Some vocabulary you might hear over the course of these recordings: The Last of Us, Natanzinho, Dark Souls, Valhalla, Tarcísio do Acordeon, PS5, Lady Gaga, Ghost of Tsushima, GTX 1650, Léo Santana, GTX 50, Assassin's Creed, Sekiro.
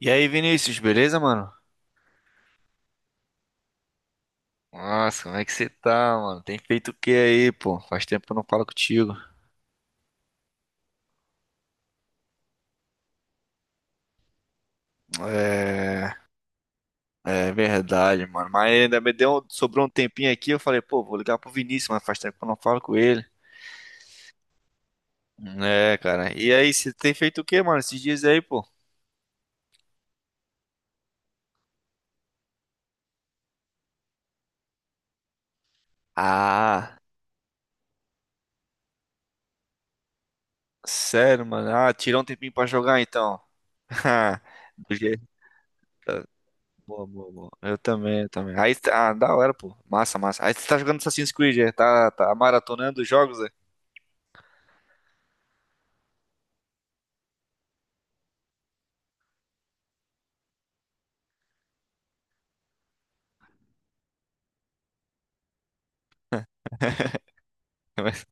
E aí, Vinícius, beleza, mano? Nossa, como é que você tá, mano? Tem feito o que aí, pô? Faz tempo que eu não falo contigo. É, é verdade, mano. Mas ainda me deu, sobrou um tempinho aqui, eu falei, pô, vou ligar pro Vinícius, mas faz tempo que eu não falo com ele. É, cara. E aí, você tem feito o que, mano, esses dias aí, pô? Ah, sério, mano? Ah, tirou um tempinho pra jogar, então. Do jeito. tá- Boa, boa, boa. Eu também, eu também. Aí, ah, da hora, pô. Massa, massa. Aí você tá jogando Assassin's Creed, é? Tá maratonando os jogos, é? Mas-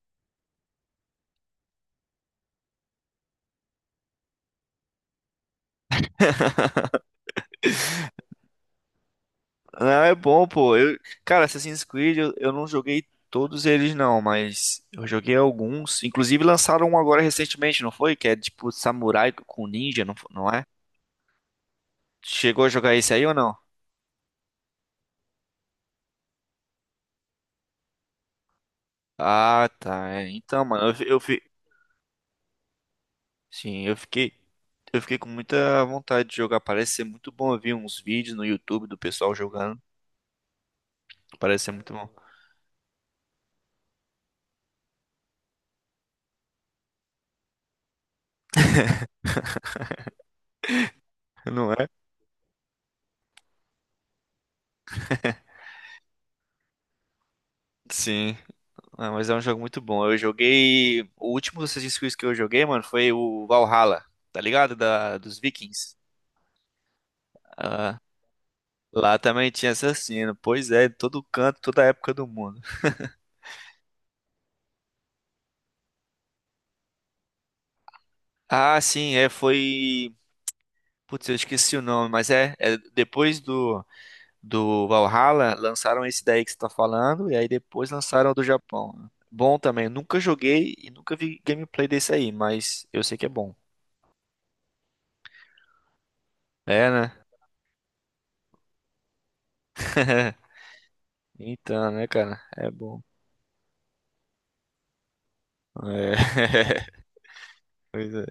Não, é bom, pô. Eu, cara, Assassin's Creed, eu não joguei todos eles, não, mas eu joguei alguns. Inclusive lançaram um agora recentemente, não foi? Que é tipo samurai com ninja, não, não é? Chegou a jogar esse aí ou não? Ah, tá. É. Então, mano, sim, eu fiquei com muita vontade de jogar. Parece ser muito bom. Eu vi uns vídeos no YouTube do pessoal jogando. Parece ser muito bom. Não é? Sim. Ah, mas é um jogo muito bom. Eu joguei. O último dos Assassin's Creed que eu joguei, mano, foi o Valhalla, tá ligado? Dos Vikings. Ah, lá também tinha assassino. Pois é, em todo canto, toda época do mundo. Ah, sim, é, foi. Putz, eu esqueci o nome, mas é, é depois do Valhalla, lançaram esse daí que você tá falando, e aí depois lançaram o do Japão. Bom também, nunca joguei e nunca vi gameplay desse aí, mas eu sei que é bom. É, né? Então, né, cara? É bom. É. Pois é.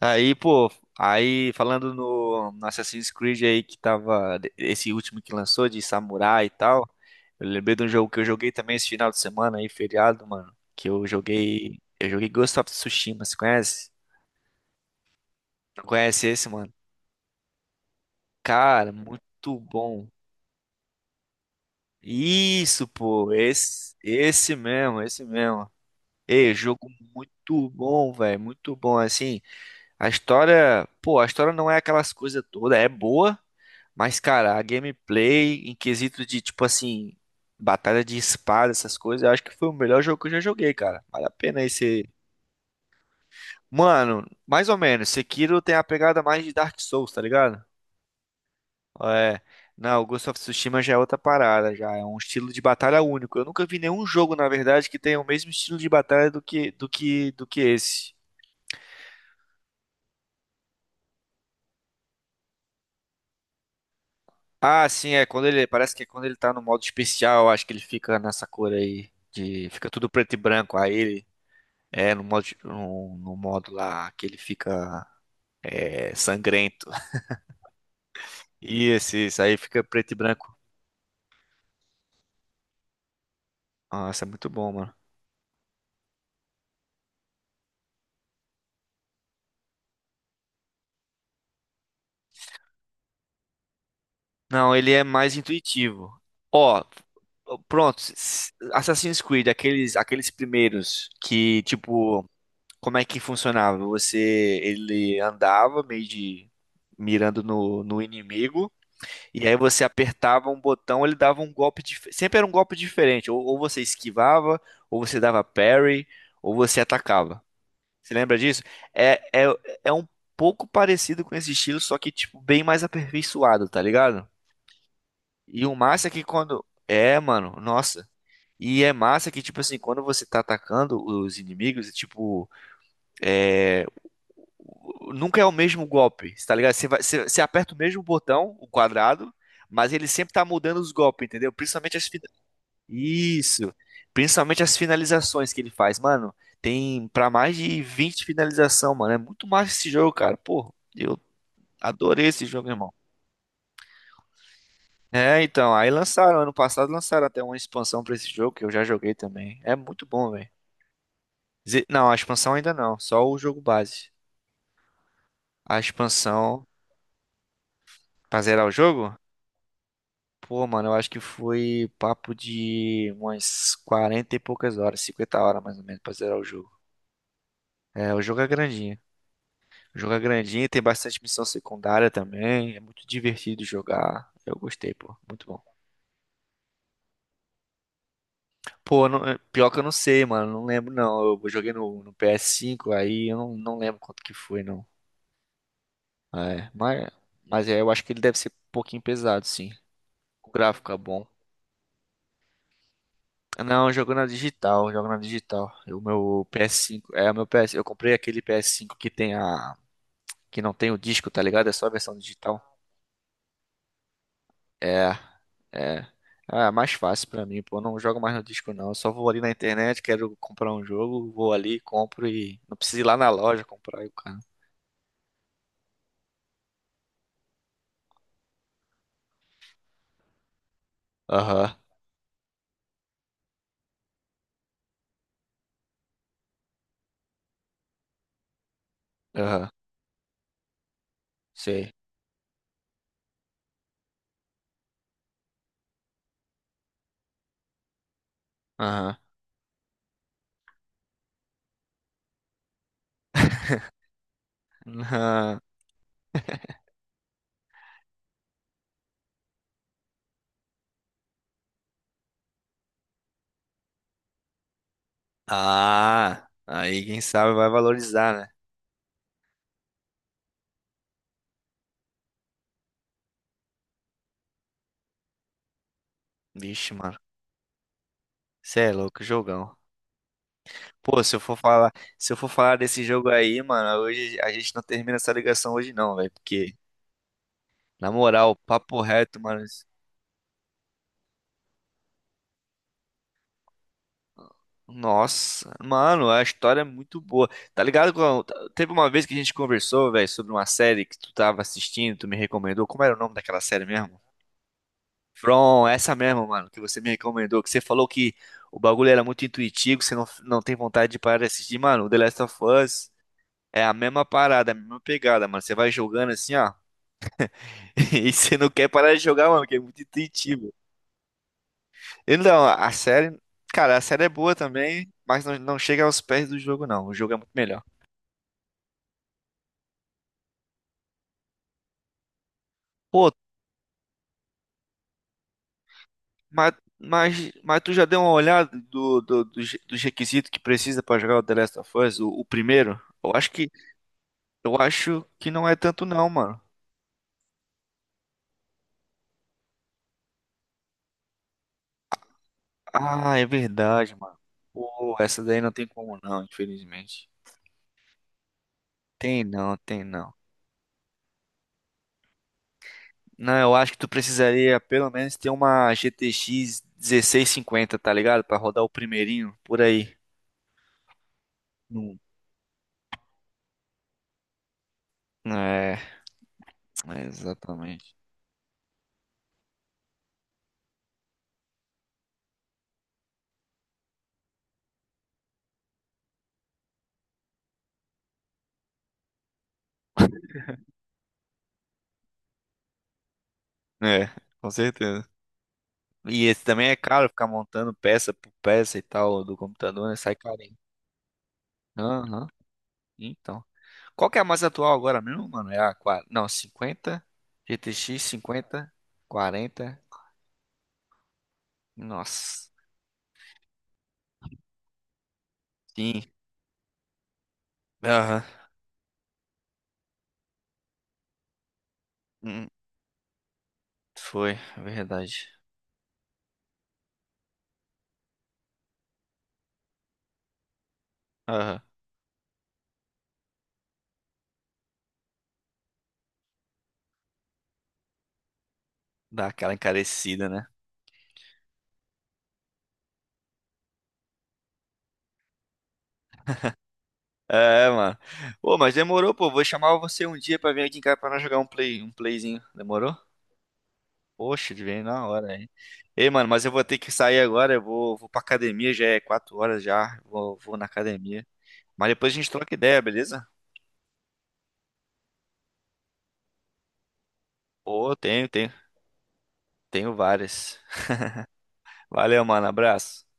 Aí, pô, aí falando no Assassin's Creed aí que tava, esse último que lançou de samurai e tal, eu lembrei de um jogo que eu joguei também esse final de semana aí, feriado, mano, que eu joguei Ghost of Tsushima, você conhece? Não conhece esse, mano? Cara, muito bom. Isso, pô, esse mesmo, esse mesmo. Ei, jogo muito bom, velho, muito bom, assim. A história, pô, a história não é aquelas coisas todas, é boa, mas, cara, a gameplay, em quesito de, tipo assim, batalha de espada, essas coisas, eu acho que foi o melhor jogo que eu já joguei, cara. Vale a pena esse. Mano, mais ou menos, Sekiro tem a pegada mais de Dark Souls, tá ligado? É. Não, o Ghost of Tsushima já é outra parada, já é um estilo de batalha único. Eu nunca vi nenhum jogo, na verdade, que tenha o mesmo estilo de batalha do que esse. Ah, sim, é quando ele. Parece que é quando ele tá no modo especial, acho que ele fica nessa cor aí. De, fica tudo preto e branco. Aí ele. É, no modo lá que ele fica é, sangrento. E esse, isso aí fica preto e branco. Nossa, é muito bom, mano. Não, ele é mais intuitivo. Ó, pronto. Assassin's Creed, aqueles primeiros que, tipo, como é que funcionava? Você, ele andava meio de mirando no inimigo. E aí você apertava um botão, ele dava um golpe diferente. Sempre era um golpe diferente. Ou você esquivava, ou você dava parry, ou você atacava. Você lembra disso? É. É um pouco parecido com esse estilo, só que, tipo, bem mais aperfeiçoado, tá ligado? E o massa é que quando. É, mano, nossa. E é massa que, tipo assim, quando você tá atacando os inimigos, é tipo. Nunca é o mesmo golpe, tá ligado? Você aperta o mesmo botão, o quadrado, mas ele sempre tá mudando os golpes, entendeu? Isso. Principalmente as finalizações que ele faz, mano. Tem pra mais de 20 finalização, mano. É muito massa esse jogo, cara. Pô, eu adorei esse jogo, irmão. É, então, aí lançaram, ano passado lançaram até uma expansão pra esse jogo que eu já joguei também. É muito bom, velho. Não, a expansão ainda não, só o jogo base. A expansão pra zerar o jogo? Pô, mano, eu acho que foi papo de umas 40 e poucas horas, 50 horas mais ou menos pra zerar o jogo. É, o jogo é grandinho. O jogo é grandinho, tem bastante missão secundária também. É muito divertido jogar. Eu gostei, pô. Muito bom. Pô, eu não- é, pior que eu não sei, mano. Não lembro, não. Eu joguei no PS5, aí eu não lembro quanto que foi, não. É, mas é, eu acho que ele deve ser um pouquinho pesado, sim. O gráfico é bom. Não, eu jogo na digital, eu jogo na digital. O meu PS5, é o meu PS, eu comprei aquele PS5 que não tem o disco, tá ligado? É só a versão digital. É, é. Ah, é mais fácil pra mim, pô. Eu não jogo mais no disco, não. Eu só vou ali na internet, quero comprar um jogo, vou ali, compro e. Não preciso ir lá na loja comprar aí o cara. Aham, aham, sei. Aham. Aham. Ah, aí quem sabe vai valorizar, né? Vixe, mano. Você é louco, jogão. Pô, se eu for falar desse jogo aí, mano, hoje a gente não termina essa ligação hoje não, velho, porque na moral, papo reto, mano. Nossa, mano, a história é muito boa. Tá ligado? Teve uma vez que a gente conversou, velho, sobre uma série que tu tava assistindo, tu me recomendou. Como era o nome daquela série mesmo? From, essa mesmo, mano, que você me recomendou, que você falou que o bagulho era muito intuitivo, você não tem vontade de parar de assistir. Mano, o The Last of Us é a mesma parada, a mesma pegada, mano. Você vai jogando assim, ó, e você não quer parar de jogar, mano, porque é muito intuitivo. Então, a série, cara, a série é boa também, mas não, não chega aos pés do jogo, não. O jogo é muito melhor. Pô, Mas, mas tu já deu uma olhada do, dos requisitos que precisa pra jogar o The Last of Us, o primeiro? Eu acho que não é tanto não, mano. Ah, é verdade, mano. Pô, essa daí não tem como não, infelizmente. Tem não, tem não. Não, eu acho que tu precisaria pelo menos ter uma GTX 1650, tá ligado? Pra rodar o primeirinho por aí. Não. É, é, exatamente. É, com certeza. E esse também é caro, ficar montando peça por peça e tal do computador, né? Sai carinho. Aham. Então. Qual que é a mais atual agora mesmo, mano? É a 4... Não, 50, GTX cinquenta, 40, Nossa. Sim. Aham. Hum, foi, é verdade. Aham. Dá aquela encarecida, né? É, mano. Pô, mas demorou, pô. Vou chamar você um dia pra vir aqui em casa pra nós jogar um play, um playzinho. Demorou? Poxa, ele veio na hora, hein? Ei, mano, mas eu vou ter que sair agora. Eu vou pra academia, já é 4 horas já. Vou na academia. Mas depois a gente troca ideia, beleza? Pô, tenho, tenho, tenho várias. Valeu, mano. Abraço.